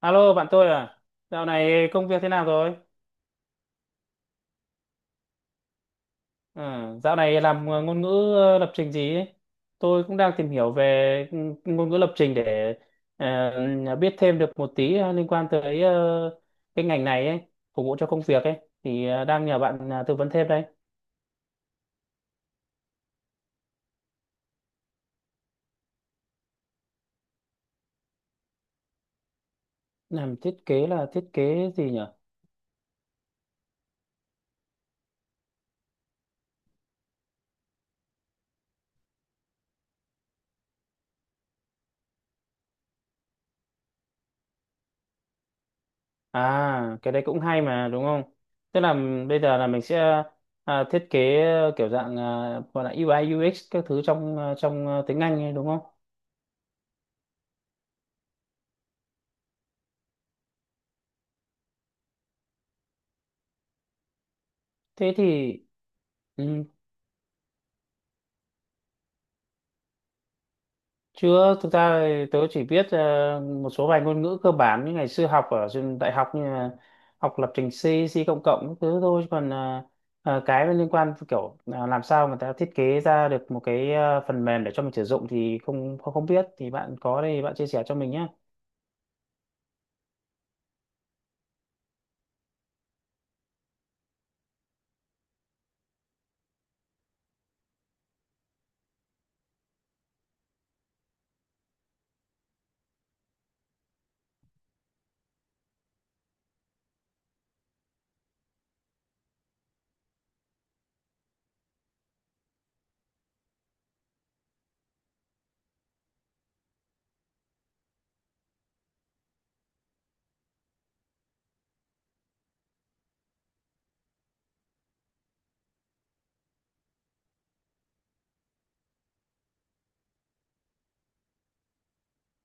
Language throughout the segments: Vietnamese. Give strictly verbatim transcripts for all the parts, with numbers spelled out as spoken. Alo bạn tôi à, dạo này công việc thế nào rồi? Ừ, dạo này làm ờ, ngôn ngữ ờ, lập trình gì ấy? Tôi cũng đang tìm hiểu về ừ, ngôn ngữ lập trình để ờ, biết thêm được một tí ờ, liên quan tới ờ, cái ngành này ấy, phục vụ cho công việc ấy. Thì ờ, đang nhờ bạn ờ, tư vấn thêm đây. Làm thiết kế là thiết kế gì nhỉ? À, cái đấy cũng hay mà đúng không? Tức là bây giờ là mình sẽ ờ, thiết kế kiểu dạng ờ, gọi là u i u ích các thứ trong ờ, trong ờ, tiếng Anh ấy, đúng không? Thế thì ừ, chưa, thực ra thì tớ chỉ biết ờ, một số vài ngôn ngữ cơ bản như ngày xưa học ở trường đại học như là học lập trình C, C cộng cộng các thứ thôi. Chứ còn ờ, ờ, cái liên quan kiểu ờ, làm sao mà ta thiết kế ra được một cái ờ, phần mềm để cho mình sử dụng thì không không không biết, thì bạn có đây bạn chia sẻ cho mình nhé.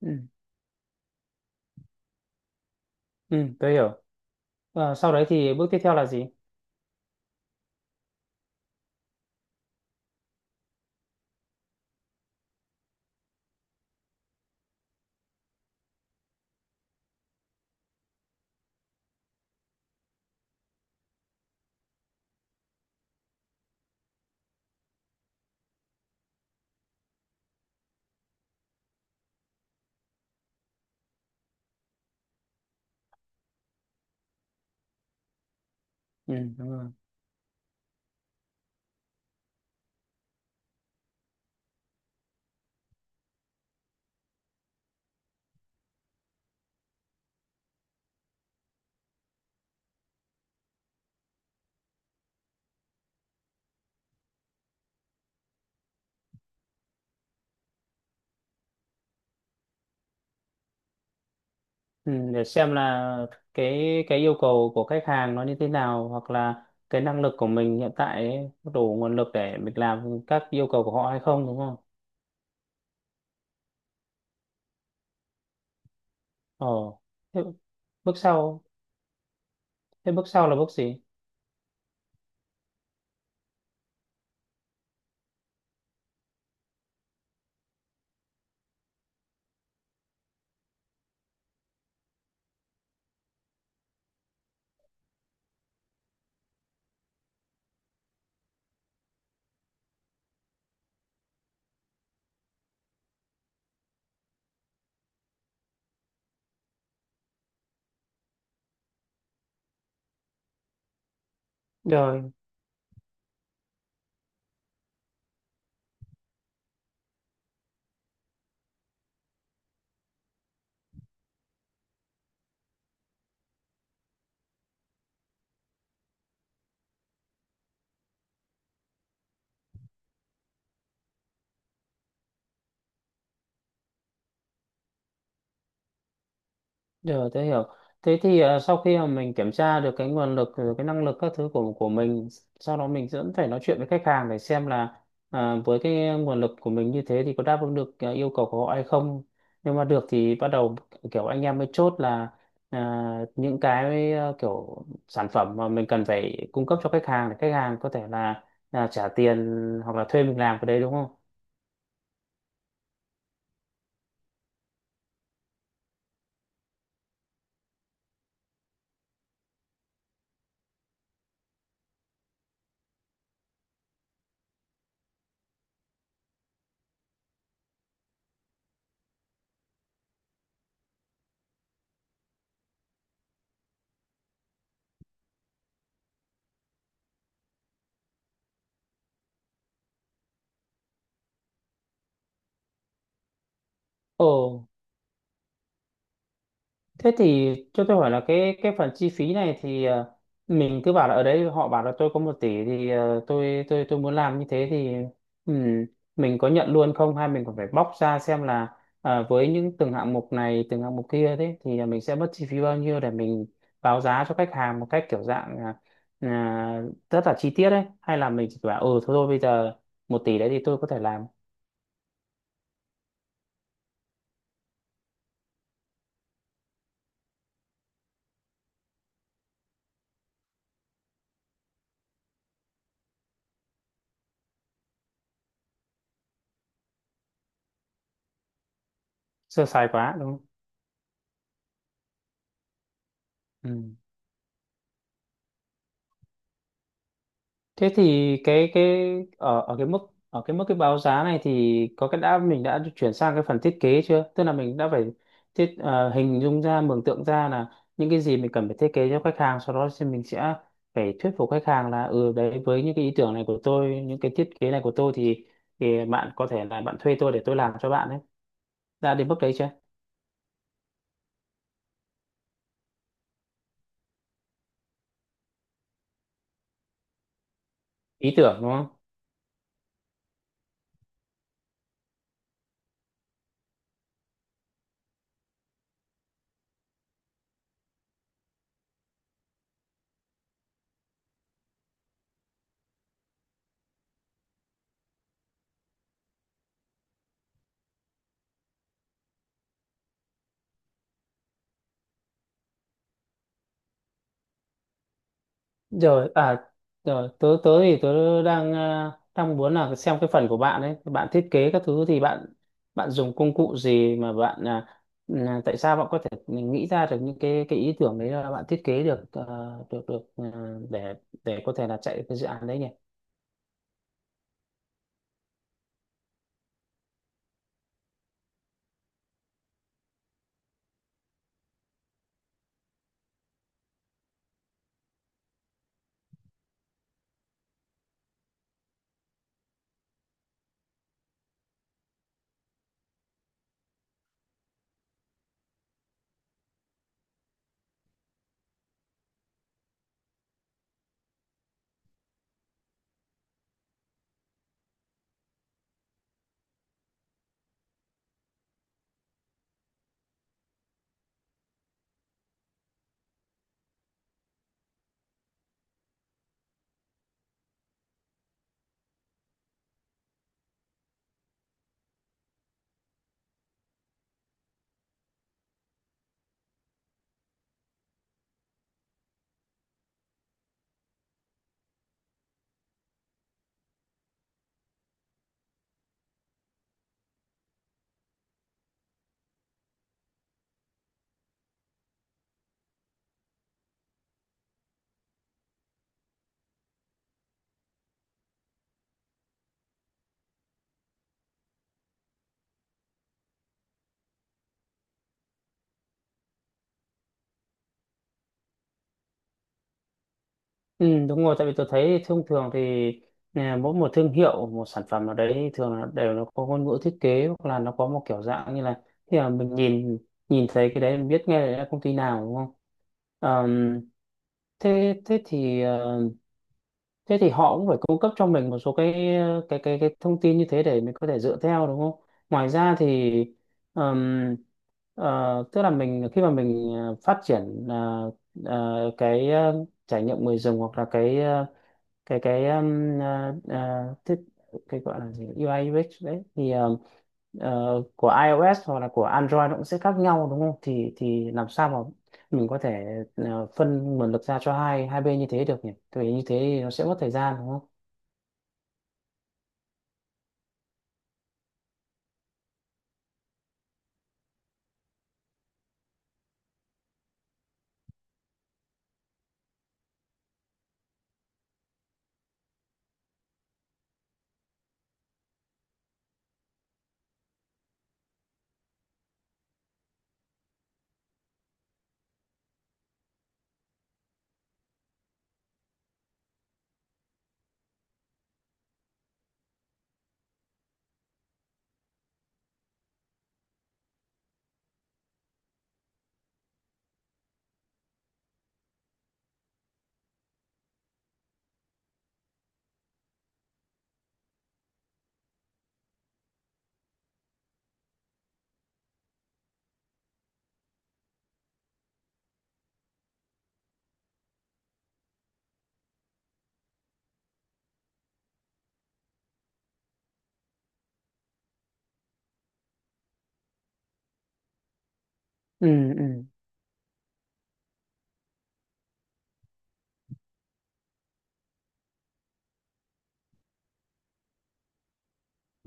Ừ, ừ, tớ hiểu. Ờ, sau đấy thì bước tiếp theo là gì? Ừ, đúng rồi. Ừ, để xem là cái cái yêu cầu của khách hàng nó như thế nào, hoặc là cái năng lực của mình hiện tại ấy, có đủ nguồn lực để mình làm các yêu cầu của họ hay không, đúng không? Ồ, thế bước sau, thế bước sau là bước gì? Rồi, rồi tôi hiểu. Thế thì à, sau khi mà mình kiểm tra được cái nguồn lực, rồi cái năng lực các thứ của của mình, sau đó mình vẫn phải nói chuyện với khách hàng để xem là à, với cái nguồn lực của mình như thế thì có đáp ứng được à, yêu cầu của họ hay không. Nhưng mà được thì bắt đầu kiểu anh em mới chốt là à, những cái à, kiểu sản phẩm mà mình cần phải cung cấp cho khách hàng để khách hàng có thể là, là trả tiền hoặc là thuê mình làm cái đấy đúng không? Ồ, thế thì cho tôi hỏi là cái cái phần chi phí này thì ờ, mình cứ bảo là ở đấy họ bảo là tôi có một tỷ thì ờ, tôi tôi tôi muốn làm như thế thì ừm, mình có nhận luôn không hay mình còn phải bóc ra xem là ờ, với những từng hạng mục này từng hạng mục kia thế thì mình sẽ mất chi phí bao nhiêu để mình báo giá cho khách hàng một cách kiểu dạng là, à, rất là chi tiết đấy, hay là mình chỉ bảo ừ thôi thôi bây giờ một tỷ đấy thì tôi có thể làm sơ sài quá đúng không? Ừ. Thế thì cái cái ở ở cái mức ở cái mức cái báo giá này thì có cái đã mình đã chuyển sang cái phần thiết kế chưa? Tức là mình đã phải thiết ờ, hình dung ra, mường tượng ra là những cái gì mình cần phải thiết kế cho khách hàng, sau đó thì mình sẽ phải thuyết phục khách hàng là ừ đấy, với những cái ý tưởng này của tôi, những cái thiết kế này của tôi thì thì bạn có thể là bạn thuê tôi để tôi làm cho bạn ấy. Đã đến bước đấy chưa? Ý tưởng đúng không? Rồi à, rồi tớ tớ thì tớ đang à, đang muốn là xem cái phần của bạn ấy, bạn thiết kế các thứ thì bạn bạn dùng công cụ gì mà bạn à, là tại sao bạn có thể nghĩ ra được những cái cái ý tưởng đấy, là bạn thiết kế được ờ, được được ờ, để để có thể là chạy cái dự án đấy nhỉ. Ừ, đúng rồi, tại vì tôi thấy thông thường thì à, mỗi một thương hiệu, một sản phẩm nào đấy thường là đều nó có ngôn ngữ thiết kế, hoặc là nó có một kiểu dạng như là khi mà mình nhìn, nhìn thấy cái đấy mình biết ngay là công ty nào đúng không? Ờm, thế thế thì ờ, thế thì họ cũng phải cung cấp cho mình một số cái ờ, cái cái cái thông tin như thế để mình có thể dựa theo đúng không? Ngoài ra thì ờm, ờ, tức là mình, khi mà mình ờ, phát triển ờ, ờ, cái ờ, trải nghiệm người dùng hoặc là cái ờ, cái cái um, ờ, ờ, thiết, cái gọi là gì, u i u ích đấy thì ờ, ờ, của iOS hoặc là của Android nó cũng sẽ khác nhau đúng không? Thì thì làm sao mà mình có thể ờ, phân nguồn lực ra cho hai hai bên như thế được nhỉ? Tại vì như thế thì nó sẽ mất thời gian đúng không? Ừ, ừ.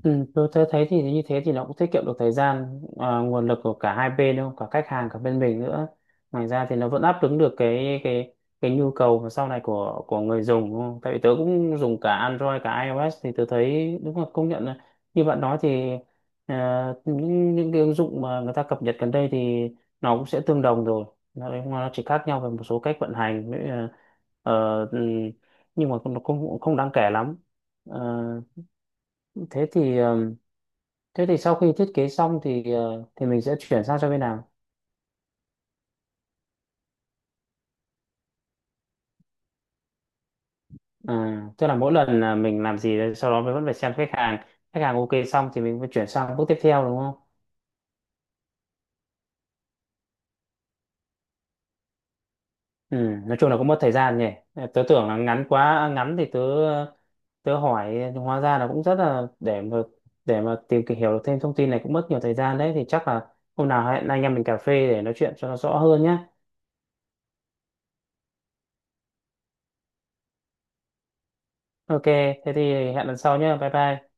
Ừ, tôi thấy, thấy thì như thế thì nó cũng tiết kiệm được thời gian à, nguồn lực của cả hai bên đúng không, cả khách hàng cả bên mình nữa, ngoài ra thì nó vẫn đáp ứng được cái cái cái nhu cầu mà sau này của của người dùng đúng không? Tại vì tớ cũng dùng cả Android cả iOS thì tớ thấy đúng là công nhận là như bạn nói thì à, những những cái ứng dụng mà người ta cập nhật gần đây thì nó cũng sẽ tương đồng rồi, nó, nó chỉ khác nhau về một số cách vận hành với, ờ, ờ, ừ, nhưng mà nó cũng cũng không đáng kể lắm. Ờ, thế thì ờ, thế thì sau khi thiết kế xong thì ờ, thì mình sẽ chuyển sang cho bên nào? À, tức là mỗi lần là mình làm gì đấy, sau đó mình vẫn phải xem khách hàng, khách hàng ok xong thì mình mới chuyển sang bước tiếp theo đúng không? Ừ, nói chung là cũng mất thời gian nhỉ. Ờ, tớ tưởng là ngắn quá, à, ngắn thì tớ tớ hỏi, nhưng hóa ra là cũng rất là để mà để mà tìm kì- hiểu được thêm thông tin này cũng mất nhiều thời gian đấy, thì chắc là hôm nào hẹn anh em mình cà phê để nói chuyện cho nó rõ hơn nhé. Ok, thế thì hẹn lần sau nhé. Bye bye.